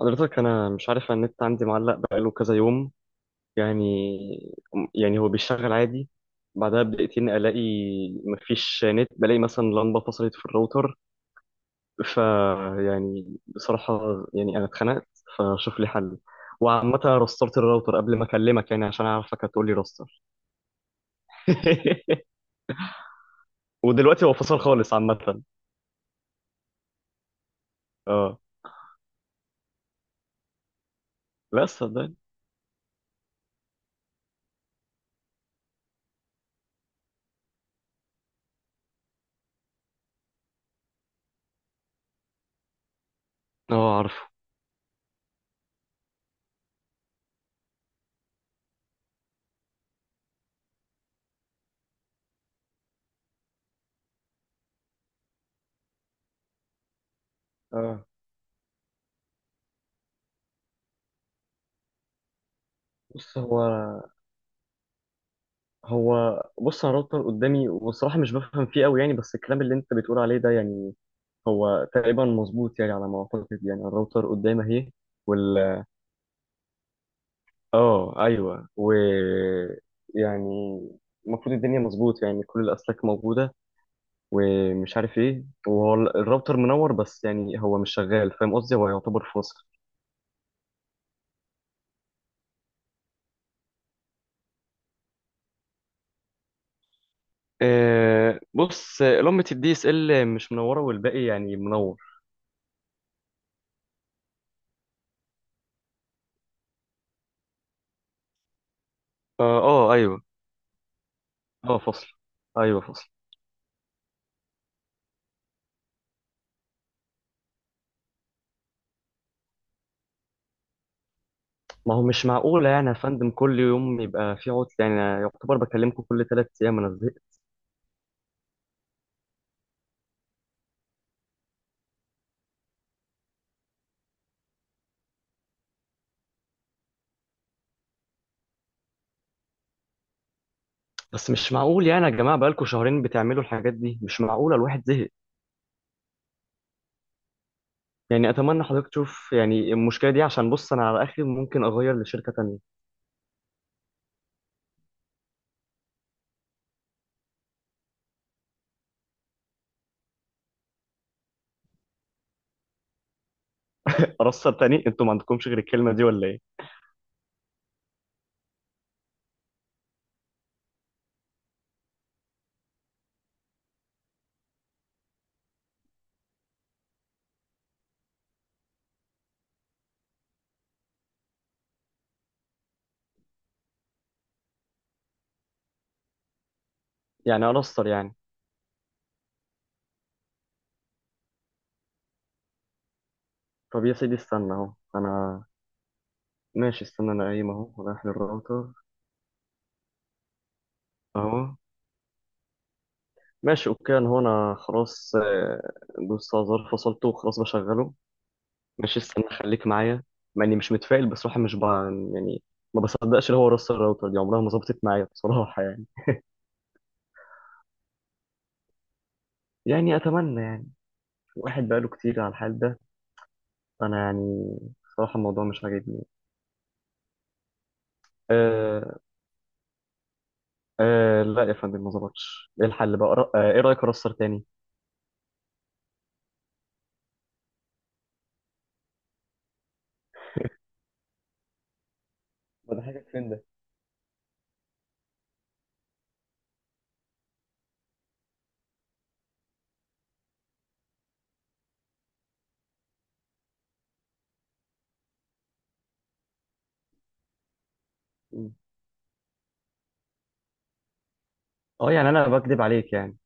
حضرتك انا مش عارف النت عندي معلق بقاله كذا يوم. يعني يعني هو بيشتغل عادي، بعدها بدقيقتين الاقي مفيش نت، بلاقي مثلا لمبه فصلت في الراوتر. ف يعني بصراحه يعني انا اتخنقت، فشوف لي حل. وعامه رسترت الراوتر قبل ما اكلمك يعني عشان اعرفك هتقول لي رستر. ودلوقتي هو فصل خالص عامه. اه، لا صدقني. اه، عارفه. اه، بص هو هو بص انا راوتر قدامي، والصراحه مش بفهم فيه قوي يعني، بس الكلام اللي انت بتقول عليه ده يعني هو تقريبا مظبوط يعني، على ما اعتقد يعني الراوتر قدامي اهي. وال اه ايوه، يعني المفروض الدنيا مظبوط يعني كل الاسلاك موجوده، ومش عارف ايه، وهو الراوتر منور، بس يعني هو مش شغال، فاهم قصدي؟ هو يعتبر فاصل. أه، بص، لمبة الدي اس ال مش منوره، والباقي يعني منور. اه. آه، ايوه. اه، فاصل. ايوه، فاصل. ما هو مش معقولة يعني يا فندم، كل يوم يبقى في عطل، يعني أنا يعتبر بكلمكم كل 3 أيام، أنا زهقت. بس مش معقول يعني يا جماعة، بقالكم شهرين بتعملوا الحاجات دي، مش معقولة، الواحد زهق. يعني أتمنى حضرتك تشوف يعني المشكلة دي، عشان بص، أنا على آخري ممكن أغير لشركة تانية. أرستر تاني؟ أنتوا ما عندكمش غير الكلمة دي ولا إيه؟ يعني أرستر يعني. طب يا سيدي استنى أهو، أنا... ماشي استنى، أنا قايم أهو رايح للراوتر. أهو. ماشي أوكي، أنا خلاص. دوست على زر فصلته، وخلاص بشغله. ماشي استنى، خليك معايا. مع اني مش متفائل بصراحه، مش ب... يعني، ما بصدقش اللي هو راس الراوتر دي عمرها ما ظبطت معايا بصراحه يعني. يعني اتمنى يعني، واحد بقاله كتير على الحال ده. انا يعني بصراحه الموضوع مش عاجبني. آه. آه، لا يا فندم ما ظبطش، ايه الحل بقى؟ ايه رايك اراستر تاني؟ بضحكك فين ده؟ مم. اه، يعني انا بكذب عليك يعني؟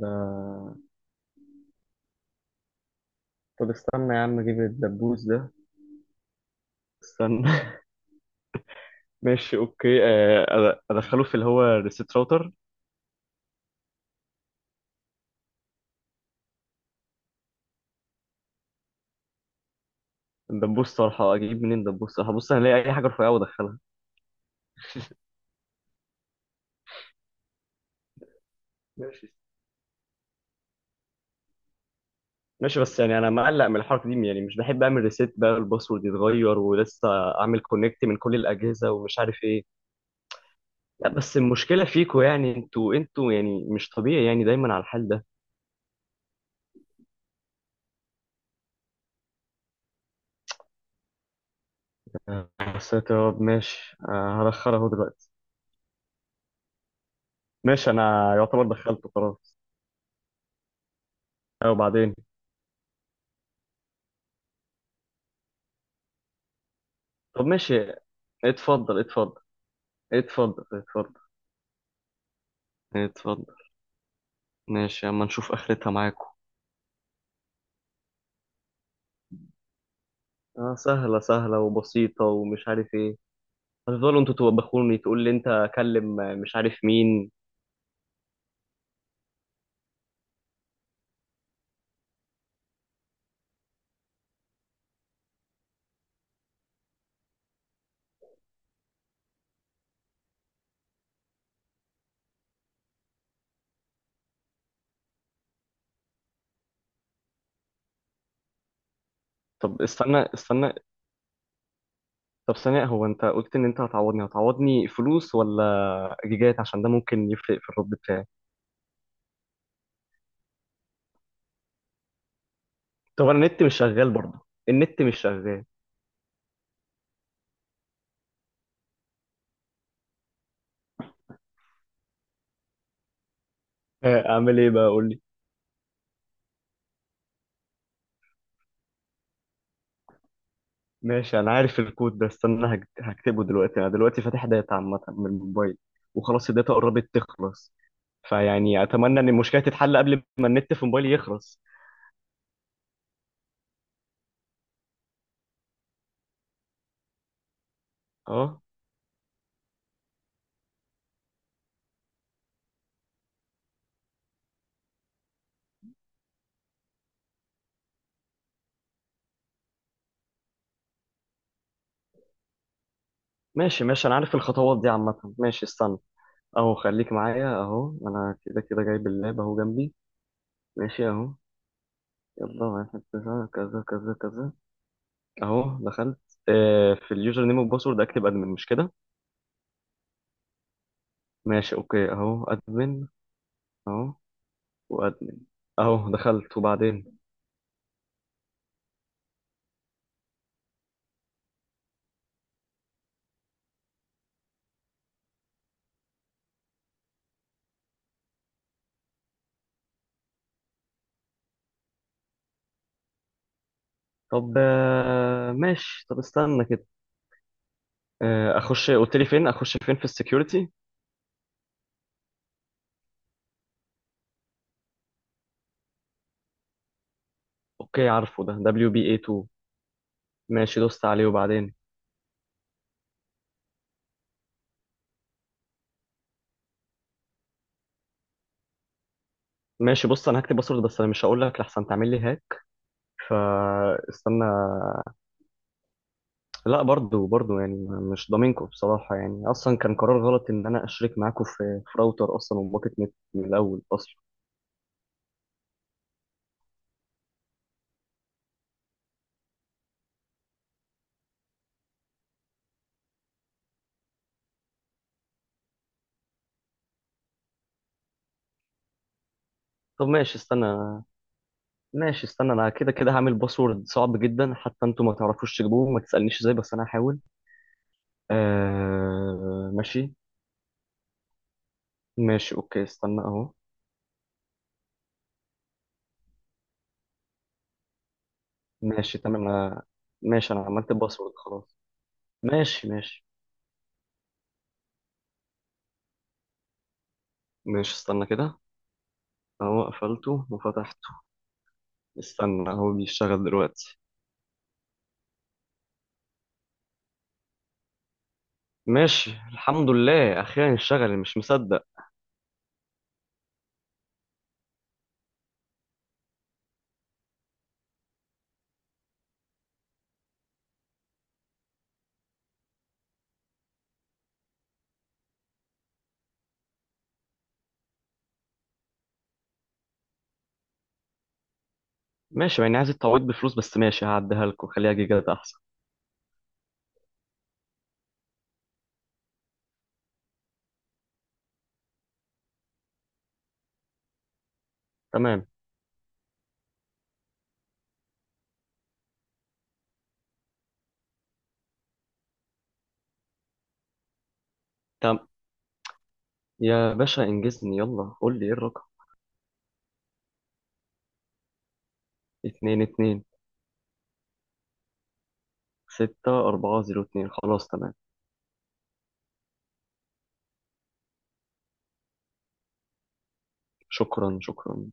ده. طب استنى يا عم اجيب الدبوس ده. استنى. ماشي اوكي. ادخله في اللي هو الريسيت راوتر. الدبوس صراحة أجيب منين دبوس؟ صراحة بص هنلاقي أي حاجة رفيعة وأدخلها. ماشي، ماشي، بس يعني أنا مقلق من الحركة دي، يعني مش بحب أعمل ريسيت، بقى الباسورد يتغير ولسه أعمل كونكت من كل الأجهزة ومش عارف إيه. لا، بس المشكلة فيكوا يعني، أنتوا يعني مش طبيعي، يعني دايما على الحال ده. يا ساتر يا رب، ماشي. هدخلها اهو دلوقتي. ماشي، أنا يعتبر دخلته خلاص. أه، وبعدين؟ طب ماشي. اتفضل، اتفضل. اتفضل، اتفضل. اتفضل. ماشي، أما نشوف آخرتها معاكم. آه، سهلة سهلة وبسيطة ومش عارف ايه. هتفضلوا انتوا توبخوني، تقول لي انت كلم مش عارف مين. طب استنى، استنى. طب ثانية، هو انت قلت ان انت هتعوضني فلوس ولا جيجات، عشان ده ممكن يفرق في الرد بتاعي. طب انا النت مش شغال برضه. النت مش شغال. اعمل ايه بقى؟ قول لي. ماشي انا عارف الكود ده، استنى هكتبه دلوقتي. انا دلوقتي فاتح داتا عامة من الموبايل، وخلاص الداتا قربت تخلص، فيعني اتمنى ان المشكلة تتحل قبل ما النت في موبايلي يخلص. اه. ماشي ماشي انا عارف الخطوات دي عامة، ماشي استنى. اهو، خليك معايا. اهو انا كده كده جايب اللاب اهو جنبي. ماشي اهو. يلا، واحد كذا كذا كذا كذا. اهو دخلت. في اليوزر نيم والباسورد اكتب ادمن، مش كده؟ ماشي اوكي، اهو ادمن. اهو. وادمن. اهو دخلت، وبعدين؟ طب استنى كده. اخش قلت لي فين، اخش فين في السكيورتي؟ اوكي عارفه، ده WPA2. ماشي دوست عليه، وبعدين؟ ماشي بص، انا هكتب باسورد، بس انا مش هقول لك لحسن تعمل لي هاك، فاستنى. لا، برضو برضو يعني مش ضامنكم بصراحة، يعني أصلا كان قرار غلط إن أنا أشرك معاكم في راوتر أصلا، وباكت نت من الأول أصلا. طب ماشي استنى. ماشي استنى، أنا كده كده هعمل باسورد صعب جدا، حتى أنتوا ما تعرفوش تجيبوه، ما تسألنيش إزاي، بس أنا هحاول. ماشي. ماشي أوكي، استنى أهو. ماشي تمام، أنا... ماشي، أنا عملت الباسورد خلاص. ماشي، ماشي. ماشي استنى كده. أهو قفلته وفتحته. استنى، هو بيشتغل دلوقتي. ماشي، الحمد لله، اخيرا اشتغل، مش مصدق. ماشي، يعني عايز التعويض بفلوس، بس ماشي هعديها لكم، خليها جيجات احسن. تمام، تمام. يا باشا انجزني، يلا قول لي ايه الرقم؟ 226402 خلاص تمام. شكرا، شكرا.